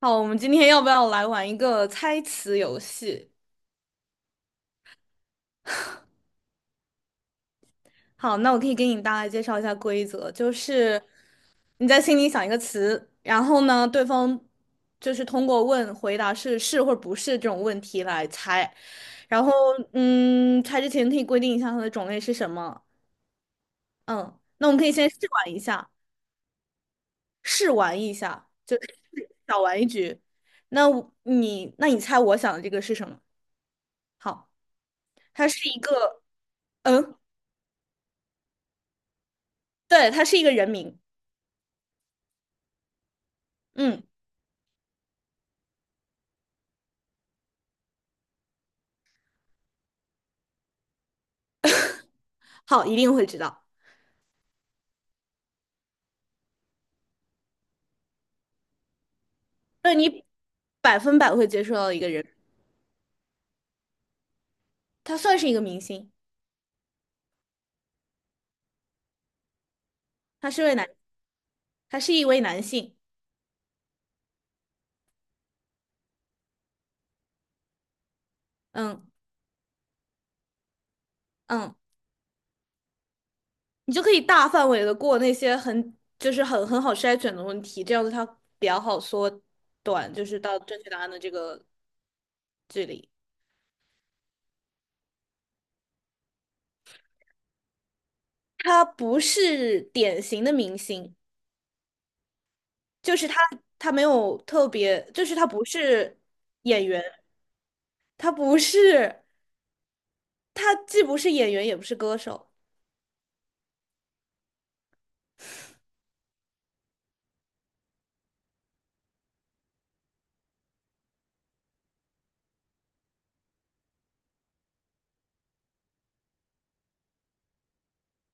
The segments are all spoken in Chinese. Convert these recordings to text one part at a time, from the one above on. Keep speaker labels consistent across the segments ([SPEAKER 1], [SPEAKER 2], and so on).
[SPEAKER 1] 好，我们今天要不要来玩一个猜词游戏？好，那我可以给你大概介绍一下规则，就是你在心里想一个词，然后呢，对方就是通过问回答是是或者不是这种问题来猜，然后猜之前可以规定一下它的种类是什么。嗯，那我们可以先试玩一下，试玩一下，就是 小玩一局。那你猜我想的这个是什么？好，它是一个，嗯，对，它是一个人名。嗯，好，一定会知道，就你百分百会接触到一个人，他算是一个明星，他是位男，他是一位男性。嗯嗯，你就可以大范围的过那些很就是很好筛选的问题，这样子他比较好缩短，就是到正确答案的这个距离。他不是典型的明星，就是他没有特别，就是他不是演员，他不是，他既不是演员也不是歌手。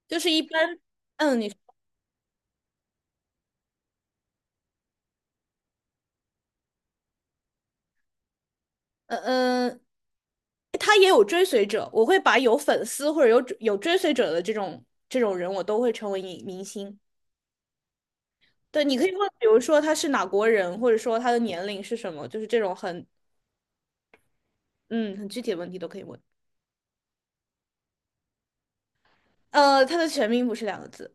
[SPEAKER 1] 就是一般，嗯，你，嗯嗯，他也有追随者，我会把有粉丝或者有追随者的这种人，我都会成为明星。对，你可以问，比如说他是哪国人，或者说他的年龄是什么，就是这种很，嗯，很具体的问题都可以问。他的全名不是两个字，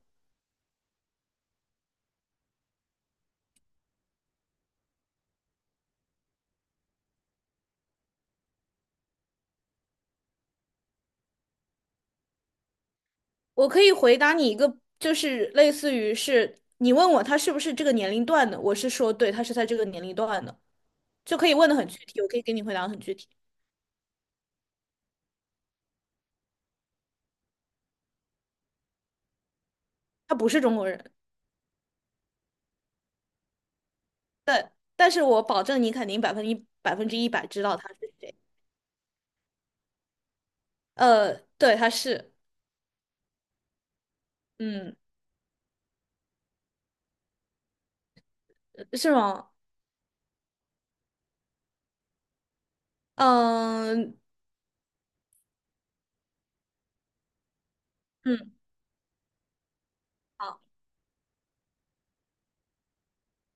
[SPEAKER 1] 我可以回答你一个，就是类似于是你问我他是不是这个年龄段的，我是说对，他是在这个年龄段的，就可以问的很具体，我可以给你回答得很具体，他不是中国人。但是我保证你肯定百分之一百知道他是谁。对，他是，嗯，是吗？嗯嗯，好，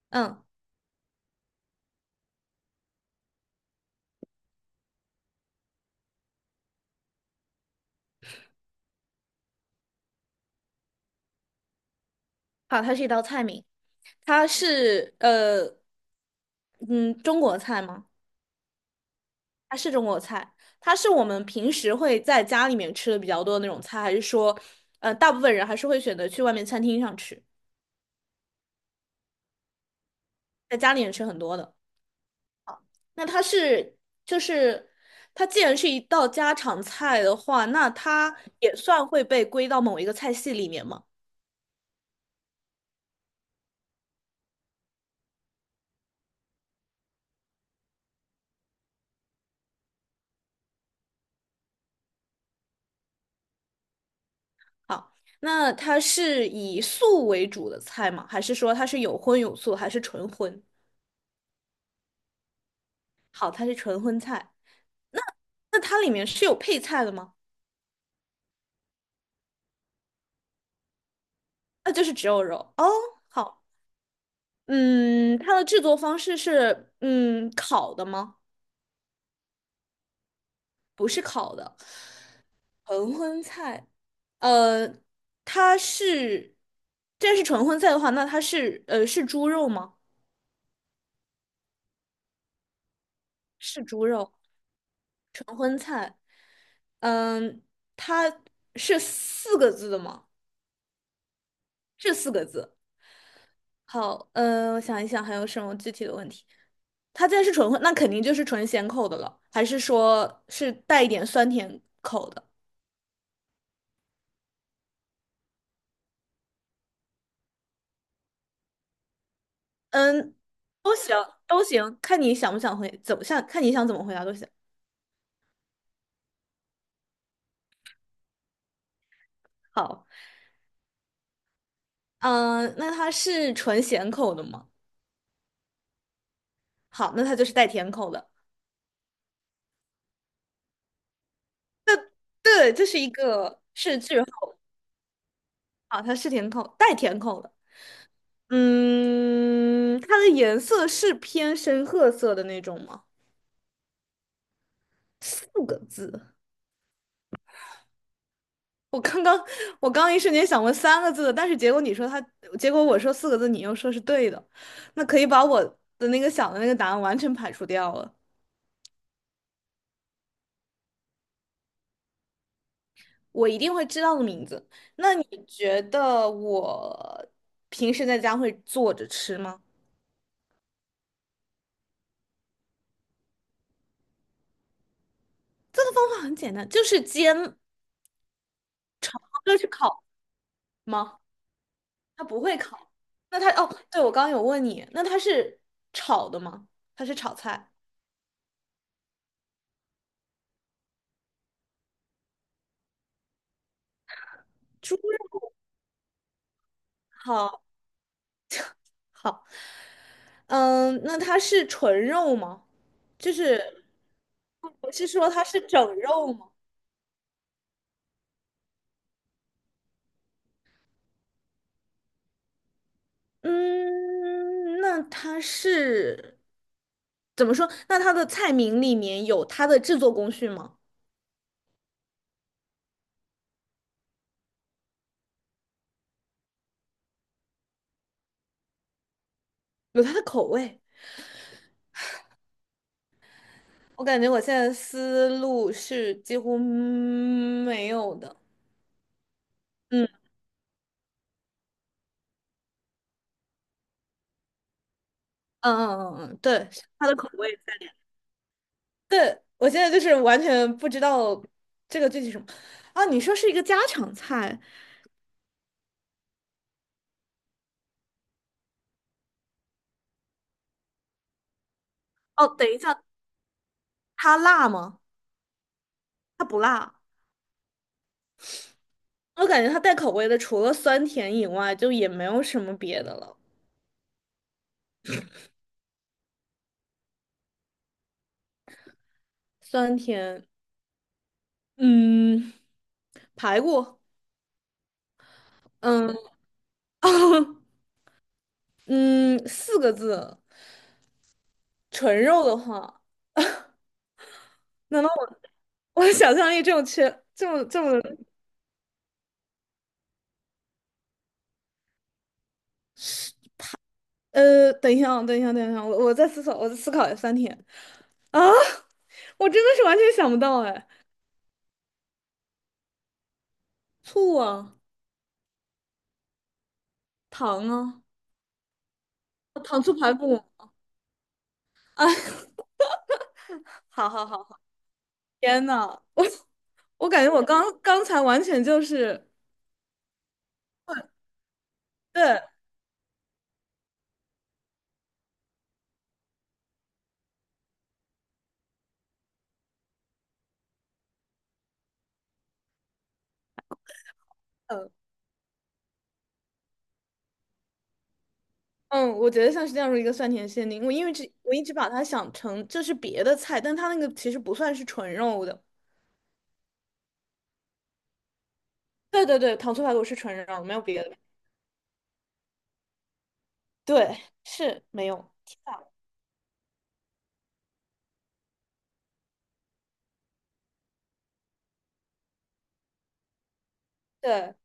[SPEAKER 1] 嗯，好，它是一道菜名，它是嗯，中国菜吗？它是中国菜，它是我们平时会在家里面吃的比较多的那种菜，还是说，大部分人还是会选择去外面餐厅上吃，在家里面吃很多的？那它是就是它既然是一道家常菜的话，那它也算会被归到某一个菜系里面吗？好，那它是以素为主的菜吗？还是说它是有荤有素，还是纯荤？好，它是纯荤菜。那它里面是有配菜的吗？那就是只有肉哦。好，嗯，它的制作方式是烤的吗？不是烤的，纯荤菜。呃，它是，这是纯荤菜的话，那它是是猪肉吗？是猪肉。嗯，它是四个字的吗？是四个字。好，嗯，我想一想还有什么具体的问题。它既然是纯荤，那肯定就是纯咸口的了，还是说是带一点酸甜口的？嗯，都行，都行，看你想不想回，怎么想，看你想怎么回答都行。好，嗯，那它是纯咸口的吗？好，那它就是带甜口的。对，这是一个是句号啊，它是甜口，带甜口的。嗯，它的颜色是偏深褐色的那种吗？四个字，我刚刚我刚一瞬间想问三个字的，但是结果你说它，结果我说四个字，你又说是对的，那可以把我的那个想的那个答案完全排除掉了。我一定会知道的名字。那你觉得我平时在家会做着吃吗？这个方法很简单，就是煎，就是烤吗？它不会烤。那它哦，对，我刚刚有问你，那它是炒的吗？它是炒菜，猪肉。好，好，嗯，那它是纯肉吗？就是我是说它是整肉吗？嗯，那它是怎么说？那它的菜名里面有它的制作工序吗？有它的口味？我感觉我现在思路是几乎没有的。嗯嗯，对，是它的口味。我现在就是完全不知道这个具体什么啊？你说是一个家常菜哦？等一下，它辣吗？它不辣，我感觉它带口味的，除了酸甜以外，就也没有什么别的了。酸甜，嗯，排骨，嗯，嗯，四个字。纯肉的话，难道我想象力这么缺，这么等一下啊，等一下，等一下，我再思考，我再思考一下酸甜。啊，我真的是完全想不到哎，醋啊，糖啊，糖醋排骨啊，好好好好，天呐，我感觉我刚刚才完全就是，对，嗯嗯，我觉得像是这样的一个酸甜限定，我因为这我一直把它想成这是别的菜，但它那个其实不算是纯肉的。对对对，糖醋排骨是纯肉，没有别的。对，是没有。对，嗯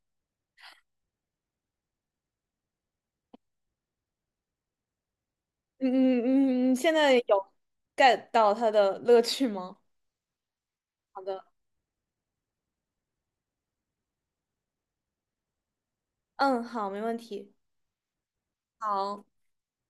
[SPEAKER 1] 嗯嗯，你现在有 get 到它的乐趣吗？好的，嗯，好，没问题。好。